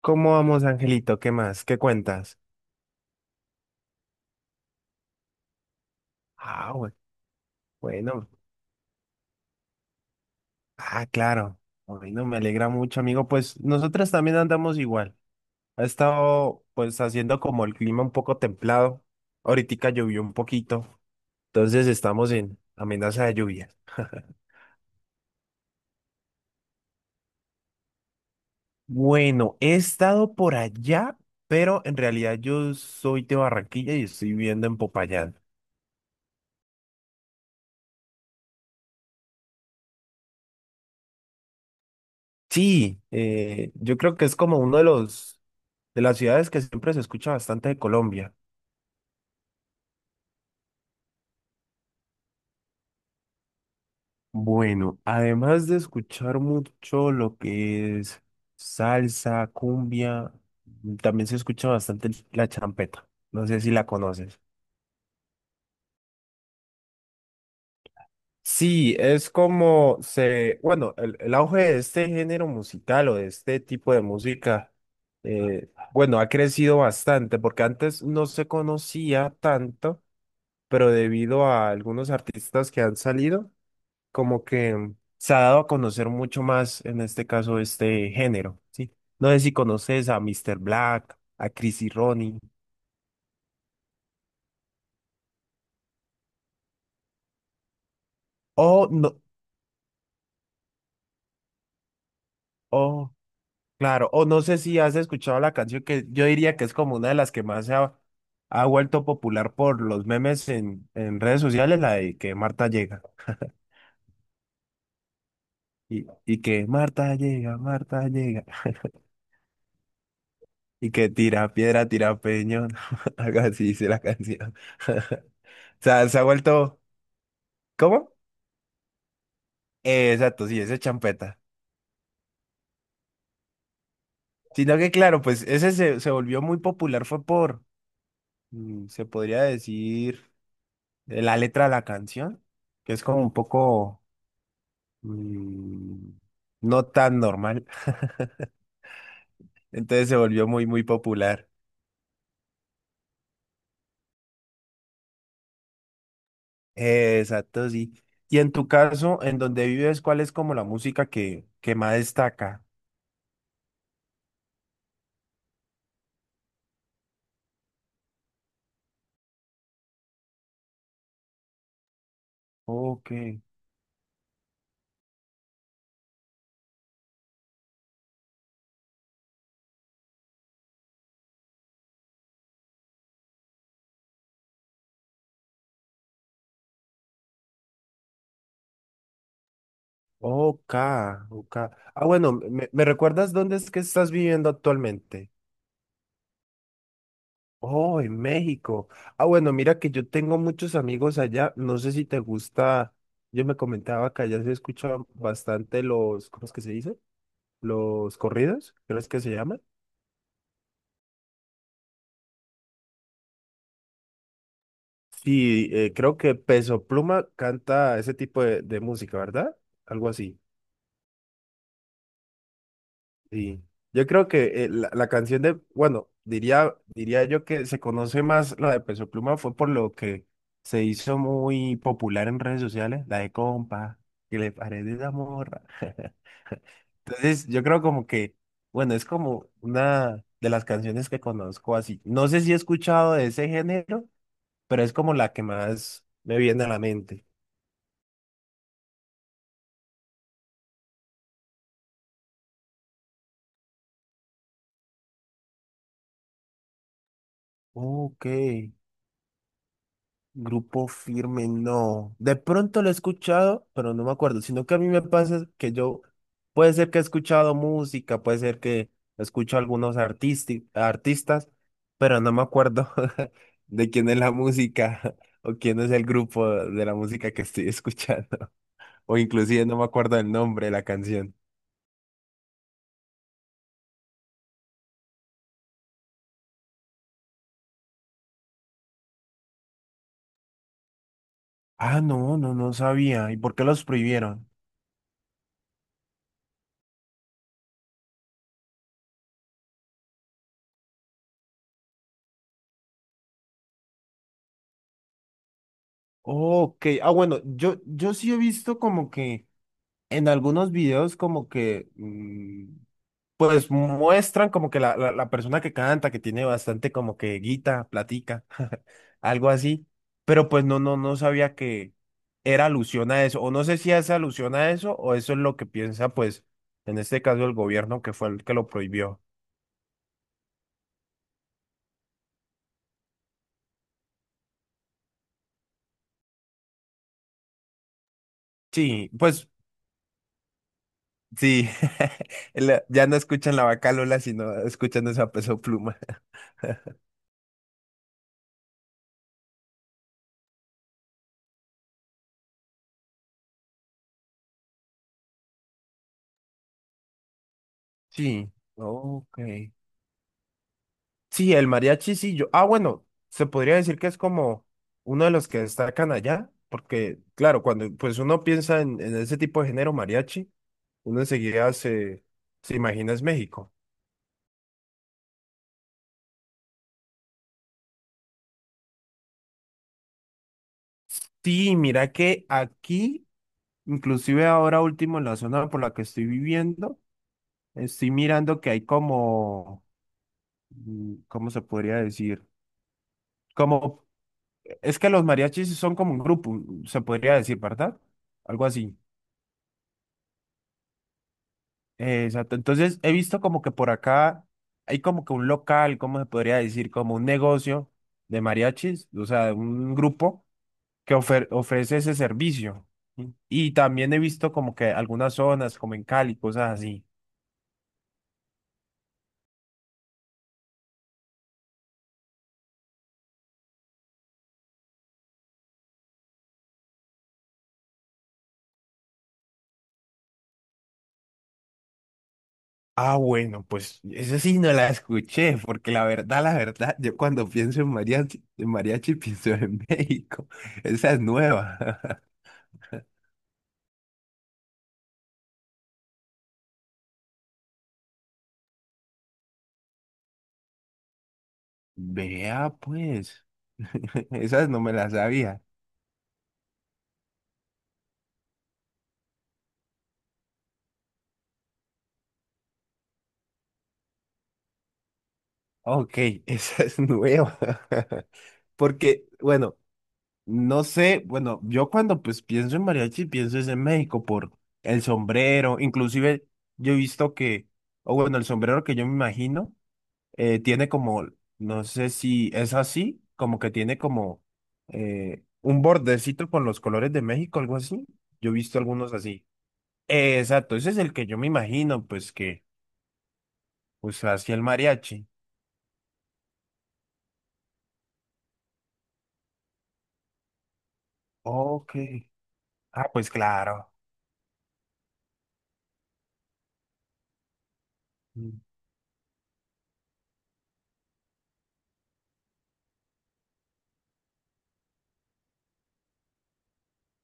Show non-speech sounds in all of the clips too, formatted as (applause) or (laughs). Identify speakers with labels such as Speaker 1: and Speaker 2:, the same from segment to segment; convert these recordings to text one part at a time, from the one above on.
Speaker 1: ¿Cómo vamos, Angelito? ¿Qué más? ¿Qué cuentas? Ah, bueno. Ah, claro. Bueno, me alegra mucho, amigo. Pues nosotros también andamos igual. Ha estado, pues, haciendo como el clima un poco templado. Ahorita llovió un poquito. Entonces estamos en amenaza de lluvias. Bueno, he estado por allá, pero en realidad yo soy de Barranquilla y estoy viviendo en Popayán. Sí, yo creo que es como uno de los, de las ciudades que siempre se escucha bastante de Colombia. Bueno, además de escuchar mucho lo que es salsa, cumbia, también se escucha bastante la champeta. No sé si la conoces. Sí, es como bueno, el auge de este género musical o de este tipo de música, bueno, ha crecido bastante porque antes no se conocía tanto, pero debido a algunos artistas que han salido como que se ha dado a conocer mucho más, en este caso, este género, ¿sí? No sé si conoces a Mr. Black, a Chris y Ronnie, o no, o, claro, o no sé si has escuchado la canción que yo diría que es como una de las que más ha vuelto popular por los memes en redes sociales, la de que Marta llega. Y que Marta llega, Marta llega. (laughs) Y que tira piedra, tira peñón. (laughs) Algo así dice la canción. (laughs) O sea, se ha vuelto. ¿Cómo? Exacto, sí, ese es champeta. Sino que, claro, pues ese se volvió muy popular, fue por, se podría decir, la letra de la canción, que es como un poco mm, no tan normal. (laughs) Entonces se volvió muy, muy popular. Exacto, sí. Y en tu caso, en donde vives, ¿cuál es como la música que más destaca? Ok, ok, ok. Ah, bueno, ¿me recuerdas dónde es que estás viviendo actualmente? Oh, en México. Ah, bueno, mira que yo tengo muchos amigos allá. No sé si te gusta. Yo me comentaba que allá se escuchaban bastante los, ¿cómo es que se dice? Los corridos, creo es que se llaman? Sí, creo que Peso Pluma canta ese tipo de música, ¿verdad? Algo así. Sí, yo creo que la canción de, bueno, diría yo que se conoce más la de Peso Pluma fue por lo que se hizo muy popular en redes sociales, la de compa, que le parece esa morra. (laughs) Entonces, yo creo como que, bueno, es como una de las canciones que conozco así. No sé si he escuchado de ese género, pero es como la que más me viene a la mente. Ok. Grupo Firme, no. De pronto lo he escuchado, pero no me acuerdo. Sino que a mí me pasa que yo, puede ser que he escuchado música, puede ser que escucho algunos artistas, pero no me acuerdo (laughs) de quién es la música (laughs) o quién es el grupo de la música que estoy escuchando. (laughs) O inclusive no me acuerdo del nombre de la canción. Ah, no sabía. ¿Y por qué los prohibieron? Ok, ah, bueno, yo sí he visto como que en algunos videos como que pues muestran como que la, la persona que canta, que tiene bastante como que guita, platica, (laughs) algo así, pero pues no sabía que era alusión a eso, o no sé si es alusión a eso, o eso es lo que piensa, pues, en este caso el gobierno que fue el que lo prohibió. Sí, pues, sí, (laughs) ya no escuchan la vaca Lola, sino escuchan esa Peso Pluma. (laughs) Sí, ok. Sí, el mariachi, sí, yo. Ah, bueno, se podría decir que es como uno de los que destacan allá, porque, claro, cuando pues uno piensa en ese tipo de género mariachi, uno enseguida se imagina es México. Sí, mira que aquí, inclusive ahora último en la zona por la que estoy viviendo, estoy mirando que hay como, ¿cómo se podría decir? Como, es que los mariachis son como un grupo, se podría decir, ¿verdad? Algo así. Exacto. Entonces he visto como que por acá hay como que un local, ¿cómo se podría decir? Como un negocio de mariachis, o sea, un grupo que ofrece ese servicio. ¿Sí? Y también he visto como que algunas zonas, como en Cali, cosas así. Ah, bueno, pues eso sí no la escuché, porque la verdad, yo cuando pienso en mariachi (laughs) pienso en México. (laughs) Esa es nueva. (laughs) Vea, pues, (laughs) esas no me las sabía. Ok, (laughs) esa es nueva. (laughs) Porque, bueno, no sé, bueno, yo cuando pues pienso en mariachi, pienso es en México por el sombrero, inclusive yo he visto que, o bueno, el sombrero que yo me imagino, tiene como, no sé si es así, como que tiene como un bordecito con los colores de México, algo así. Yo he visto algunos así. Exacto, ese es el que yo me imagino, pues que, pues así el mariachi. Ok. Ah, pues claro. Mm.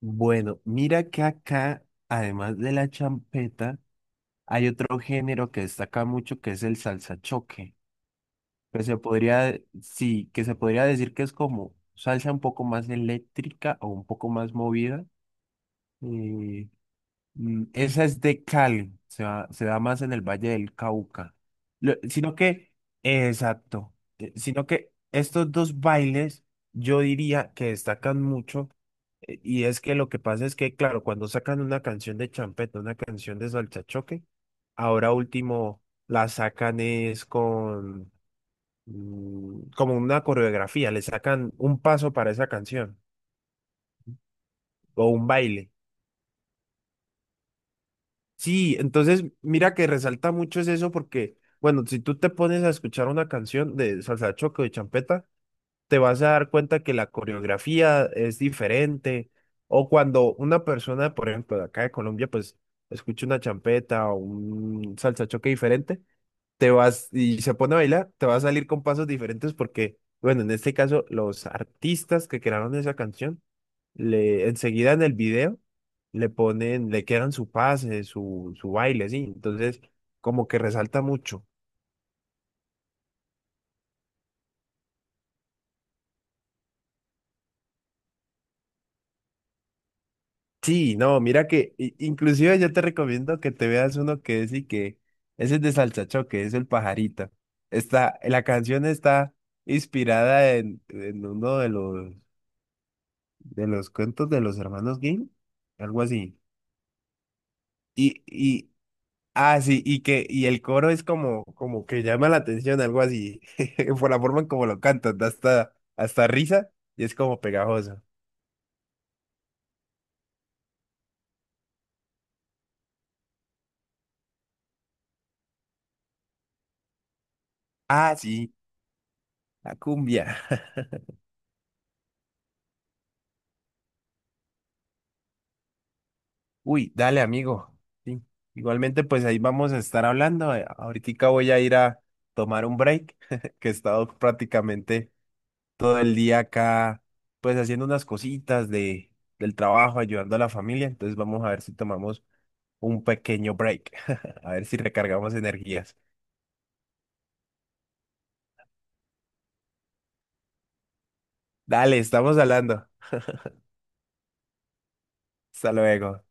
Speaker 1: Bueno, mira que acá, además de la champeta, hay otro género que destaca mucho que es el salsa choque, que se podría, sí, que se podría decir que es como salsa un poco más eléctrica o un poco más movida. eh, Esa es de Cali, se se da más en el Valle del Cauca. Sino que, exacto, sino que estos dos bailes yo diría que destacan mucho. Y es que lo que pasa es que, claro, cuando sacan una canción de champeta, una canción de salchachoque, ahora último la sacan es con como una coreografía, le sacan un paso para esa canción o un baile. Sí, entonces mira que resalta mucho es eso porque, bueno, si tú te pones a escuchar una canción de salsa choque o de champeta, te vas a dar cuenta que la coreografía es diferente. O cuando una persona, por ejemplo, de acá de Colombia, pues escucha una champeta o un salsachoque diferente, te vas y se pone a bailar, te va a salir con pasos diferentes porque, bueno, en este caso, los artistas que crearon esa canción, le, enseguida en el video, le ponen, le quedan su pase, su baile, sí. Entonces, como que resalta mucho. Sí, no, mira que inclusive yo te recomiendo que te veas uno que es y que ese es de Salsachoque, es el pajarito. Está, la canción está inspirada en uno de los cuentos de los hermanos Grimm, algo así. Y, y, ah, sí, y el coro es como, como que llama la atención, algo así, (laughs) por la forma en como lo cantan, da hasta, hasta risa y es como pegajoso. Ah, sí, la cumbia. Uy, dale, amigo. Sí. Igualmente, pues ahí vamos a estar hablando. Ahoritica voy a ir a tomar un break, (laughs) que he estado prácticamente todo el día acá, pues haciendo unas cositas de, del trabajo, ayudando a la familia. Entonces vamos a ver si tomamos un pequeño break, (laughs) a ver si recargamos energías. Dale, estamos hablando. Hasta luego.